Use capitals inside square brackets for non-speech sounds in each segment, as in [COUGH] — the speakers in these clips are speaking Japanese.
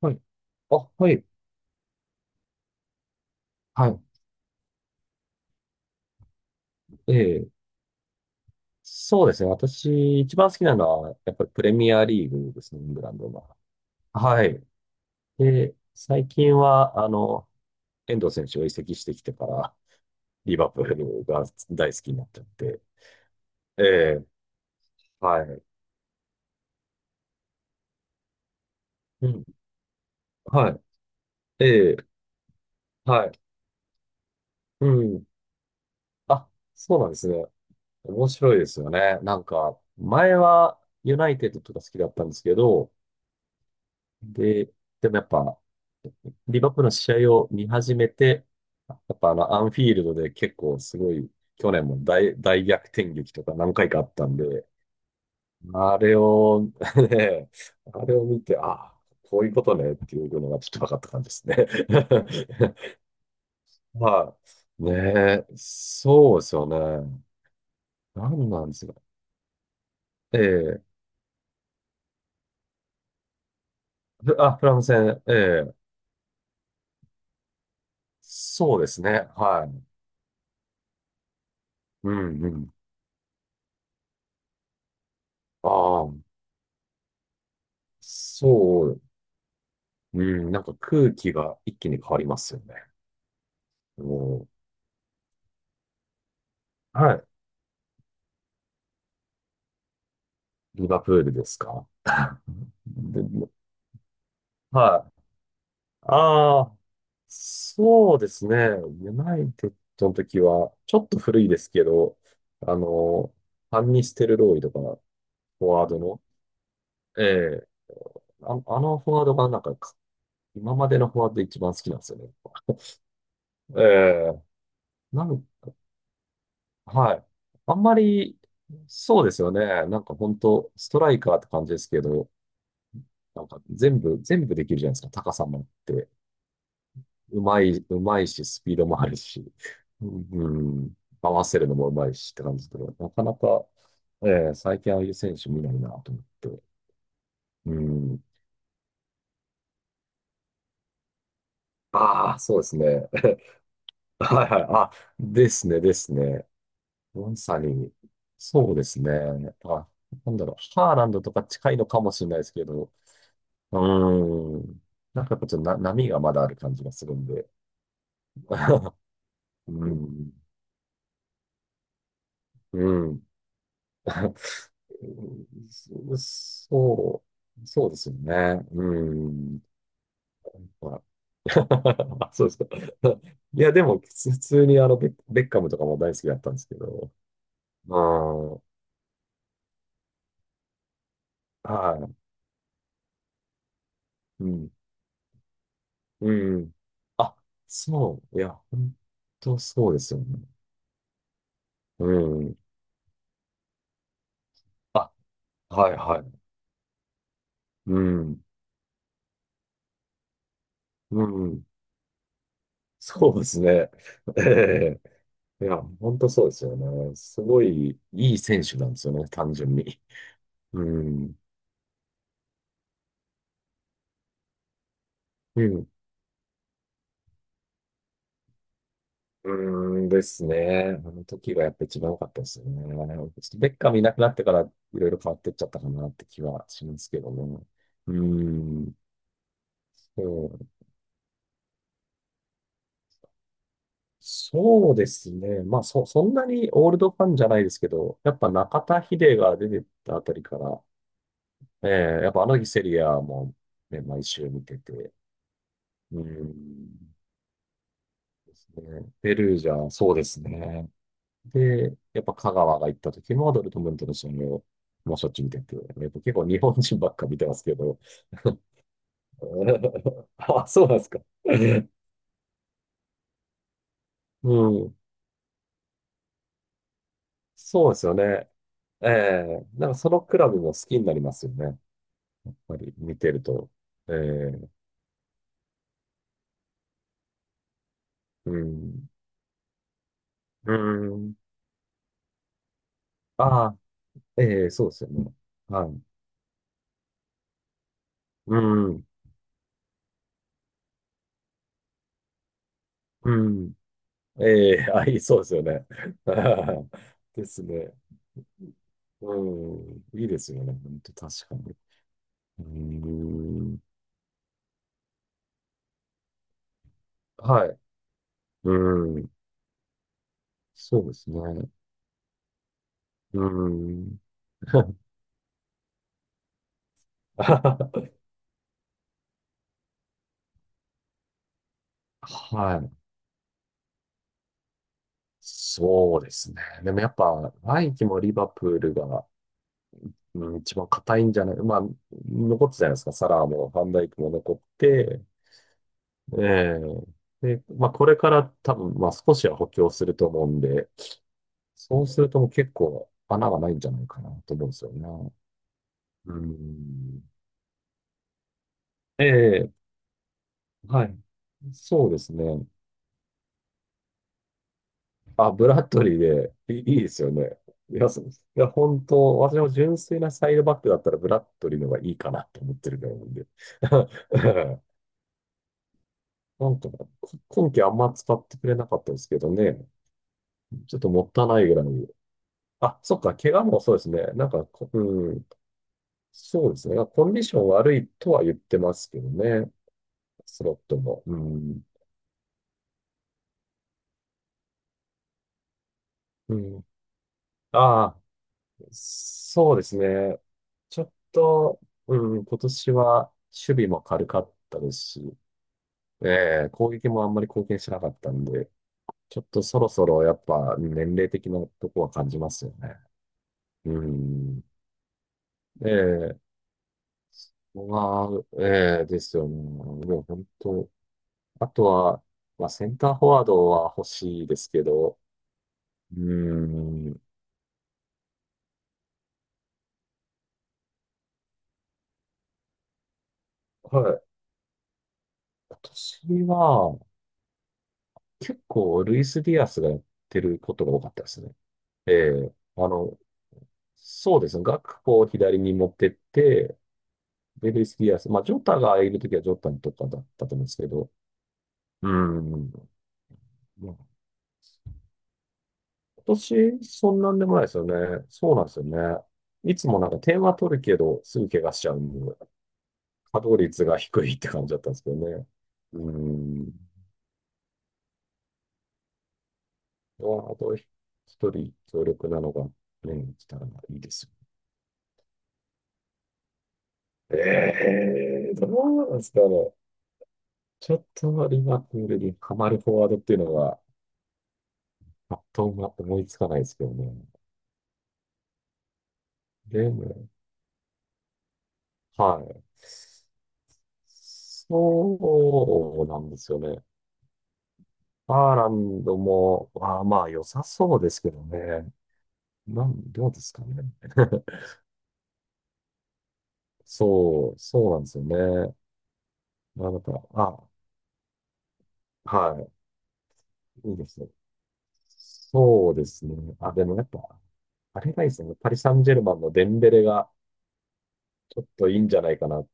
はい。あ、はい。はい。ええ。そうですね。私、一番好きなのは、やっぱりプレミアリーグですね、イングランドが。はい。で、最近は、遠藤選手を移籍してきてから、リバプールが大好きになっちゃって。ええ、はい。うん。はい。ええ、はい。うん。あ、そうなんですね。面白いですよね。なんか、前はユナイテッドとか好きだったんですけど、で、でもやっぱ、リバプールの試合を見始めて、やっぱアンフィールドで結構すごい、去年も大逆転劇とか何回かあったんで、あれを、[LAUGHS] ね、あれを見て、ああ、こういうことねっていうのがちょっと分かった感じですね。[LAUGHS] まあ、ねえ、そうですよね。なんなんですか。ええ、フランス戦、ええ、そうですね。はい。うん。ああ、そう。うん、なんか空気が一気に変わりますよね。もうはい。リバプールですか。で、はい。ああ、そうですね。ユナイテッドの時は、ちょっと古いですけど、あの、ファンニステルローイとか、フォワードの、ええあ、あのフォワードがなんか、今までのフォワードで一番好きなんですよね。ええなん、はい。あんまり、そうですよね。なんか本当ストライカーって感じですけど、全部できるじゃないですか、高さもあって。うまいし、スピードもあるし、うん、合わせるのもうまいしって感じで、なかなか、ええ最近ああいう選手見ないなと思って。うん。ああ、そうですね。[LAUGHS] はいはい。あ、ですね、ですね。まさに、そうですね。あ、なんだろう。ハーランドとか近いのかもしれないですけど、うーん。なんかやっぱちょっとな波がまだある感じがするんで。[LAUGHS] うん。うん。[LAUGHS] そそそうですよね。うん。まあ [LAUGHS] そうですか。[LAUGHS] いや、でも、普通にベッカムとかも大好きだったんですけど。まあ、はい。うん。うん。あ、そう。いや、本当そうですよね。うん。あ、はい、はい。うん。うん。そうですね。ええいや、本当そうですよね。すごいいい選手なんですよね、単純に。うん。うん。うーんですね。あの時がやっぱ一番良かったですよね。ちょっとベッカムいなくなってからいろいろ変わってっちゃったかなって気はしますけどね。うーん。そう、そうですね。まあ、そんなにオールドファンじゃないですけど、やっぱ中田秀が出てたあたりから、ええやっぱあの日セリアも、ね、毎週見てて、うーん。ですね。ペルージャ、そうですね。で、やっぱ香川が行った時もドルトムントの試合をもうしょっちゅう見てて、やっぱ結構日本人ばっか見てますけど。[LAUGHS] あ、そうなんですか。うん。そうですよね。ええなんかそのクラブも好きになりますよね。やっぱり見てると。ええうん。うん。ああ、ええそうですよね。はい。うん。うん。ええあ、いい、そうですよね。[LAUGHS] ですね。うん、いいですよね。本当確かに。うーん。はい。うーん。そうですね。うーん。[LAUGHS] はい。そうですね。でもやっぱ、来季もリバプールが、うん、一番硬いんじゃない、まあ、残ったじゃないですか。サラーもファンダイクも残って、ええで、まあ、これから多分、まあ、少しは補強すると思うんで、そうするともう結構穴がないんじゃないかなと思うんですよね。うん。ええはい。そうですね。あ、ブラッドリーで、[LAUGHS] いいですよね。いや、そういや、本当、私も純粋なサイドバックだったらブラッドリーの方がいいかなと思ってるぐらいなんで。[LAUGHS] なんか、今季あんま使ってくれなかったですけどね。ちょっともったいないぐらい。あ、そっか、怪我もそうですね。なんかこ、うん、そうですね。コンディション悪いとは言ってますけどね。スロットも。うん。うん。ああ。そうですね。ちょっと、うん、今年は守備も軽かったですし、ええ攻撃もあんまり貢献しなかったんで、ちょっとそろそろやっぱ年齢的なとこは感じますよね。うん。ええまあ、ええですよね。もう本当、あとは、まあ、センターフォワードは欲しいですけど、うん、はい。今年は結構ルイス・ディアスがやってることが多かったですね。ええ、そうですね。学校を左に持ってって、で、ルイス・ディアス。まあ、ジョタがいるときはジョタにとかだったと思うんですけど。うん。まあ、今年、そんなんでもないですよね。そうなんですよね。いつもなんか点は取るけど、すぐ怪我しちゃうんで、稼働率が低いって感じだったんですけどね。うん。まあと、一人強力なのが、ね、来たらいいですよ。ええどうなんですかね。ちょっとリバプールにハマるフォワードっていうのは、パッと思いつかないですけどね。でも、はい。そうなんですよね。ハーランドも、あーまあ良さそうですけどね。なん、どうですかね。[LAUGHS] そうなんですよね。まあなんか、あ、はい、いいですね。そうですね。あ、でもやっぱ、あれがいいですね。パリ・サンジェルマンのデンベレが、ちょっといいんじゃないかなと。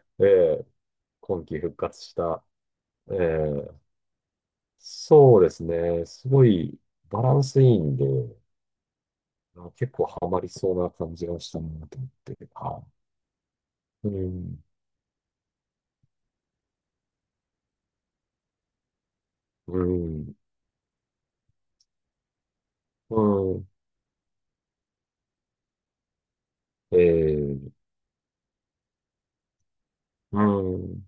[LAUGHS] ええ今季復活した、えーそうですね、すごいバランスいいんで、あ結構ハマりそうな感じがしたなと思って、はい。うん、うん、うん、えー、うん、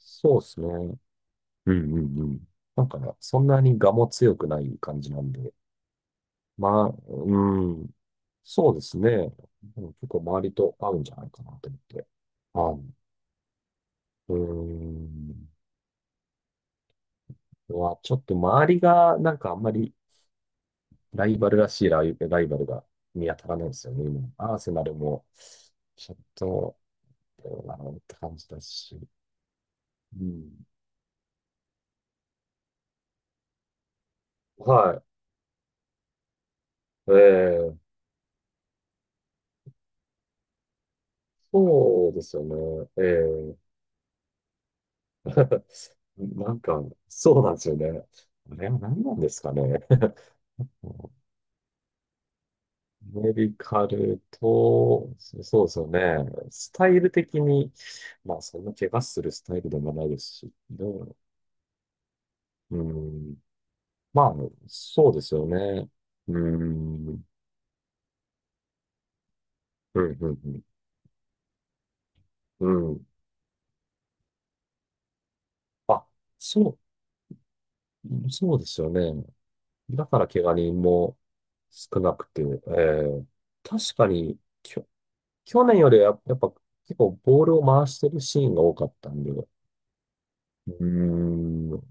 そうですね。うん。なんかね、そんなに我も強くない感じなんで、まあ、うん、そうですね。でも結構周りと合うんじゃないかなと思って。はい。うん。は、ちょっと周りが、なんかあんまりライバルが見当たらないんですよね、今。アーセナルも、ちょっと、どうなのって感じだし。うん。はい。ええそうですよね。ええ [LAUGHS] なんか、そうなんですよね。あれは何なんですかね。[LAUGHS] メディカルと、そうですよね。スタイル的に、まあ、そんな怪我するスタイルでもないですし、どううん、まあ、そうですよね。うーん。うん、うん、うん。うん。あ、そそうですよね。だから怪我人も少なくて、えー、確かに、きょ、去年よりはやっぱ結構ボールを回してるシーンが多かったんで、うーん、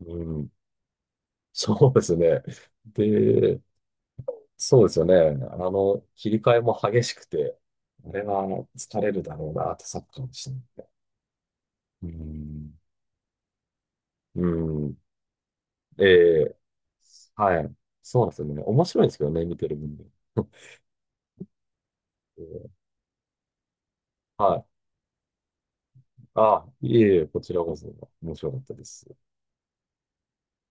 うん。そうですね。で、そうですよね。あの、切り替えも激しくて、あれは疲れるだろうなってサッカーでしたね。うん。うん。ええはい。そうなんですよね。面白いんですけどね、見てる分には。ええはい。あ、いえいえ、こちらこそ面白かったです。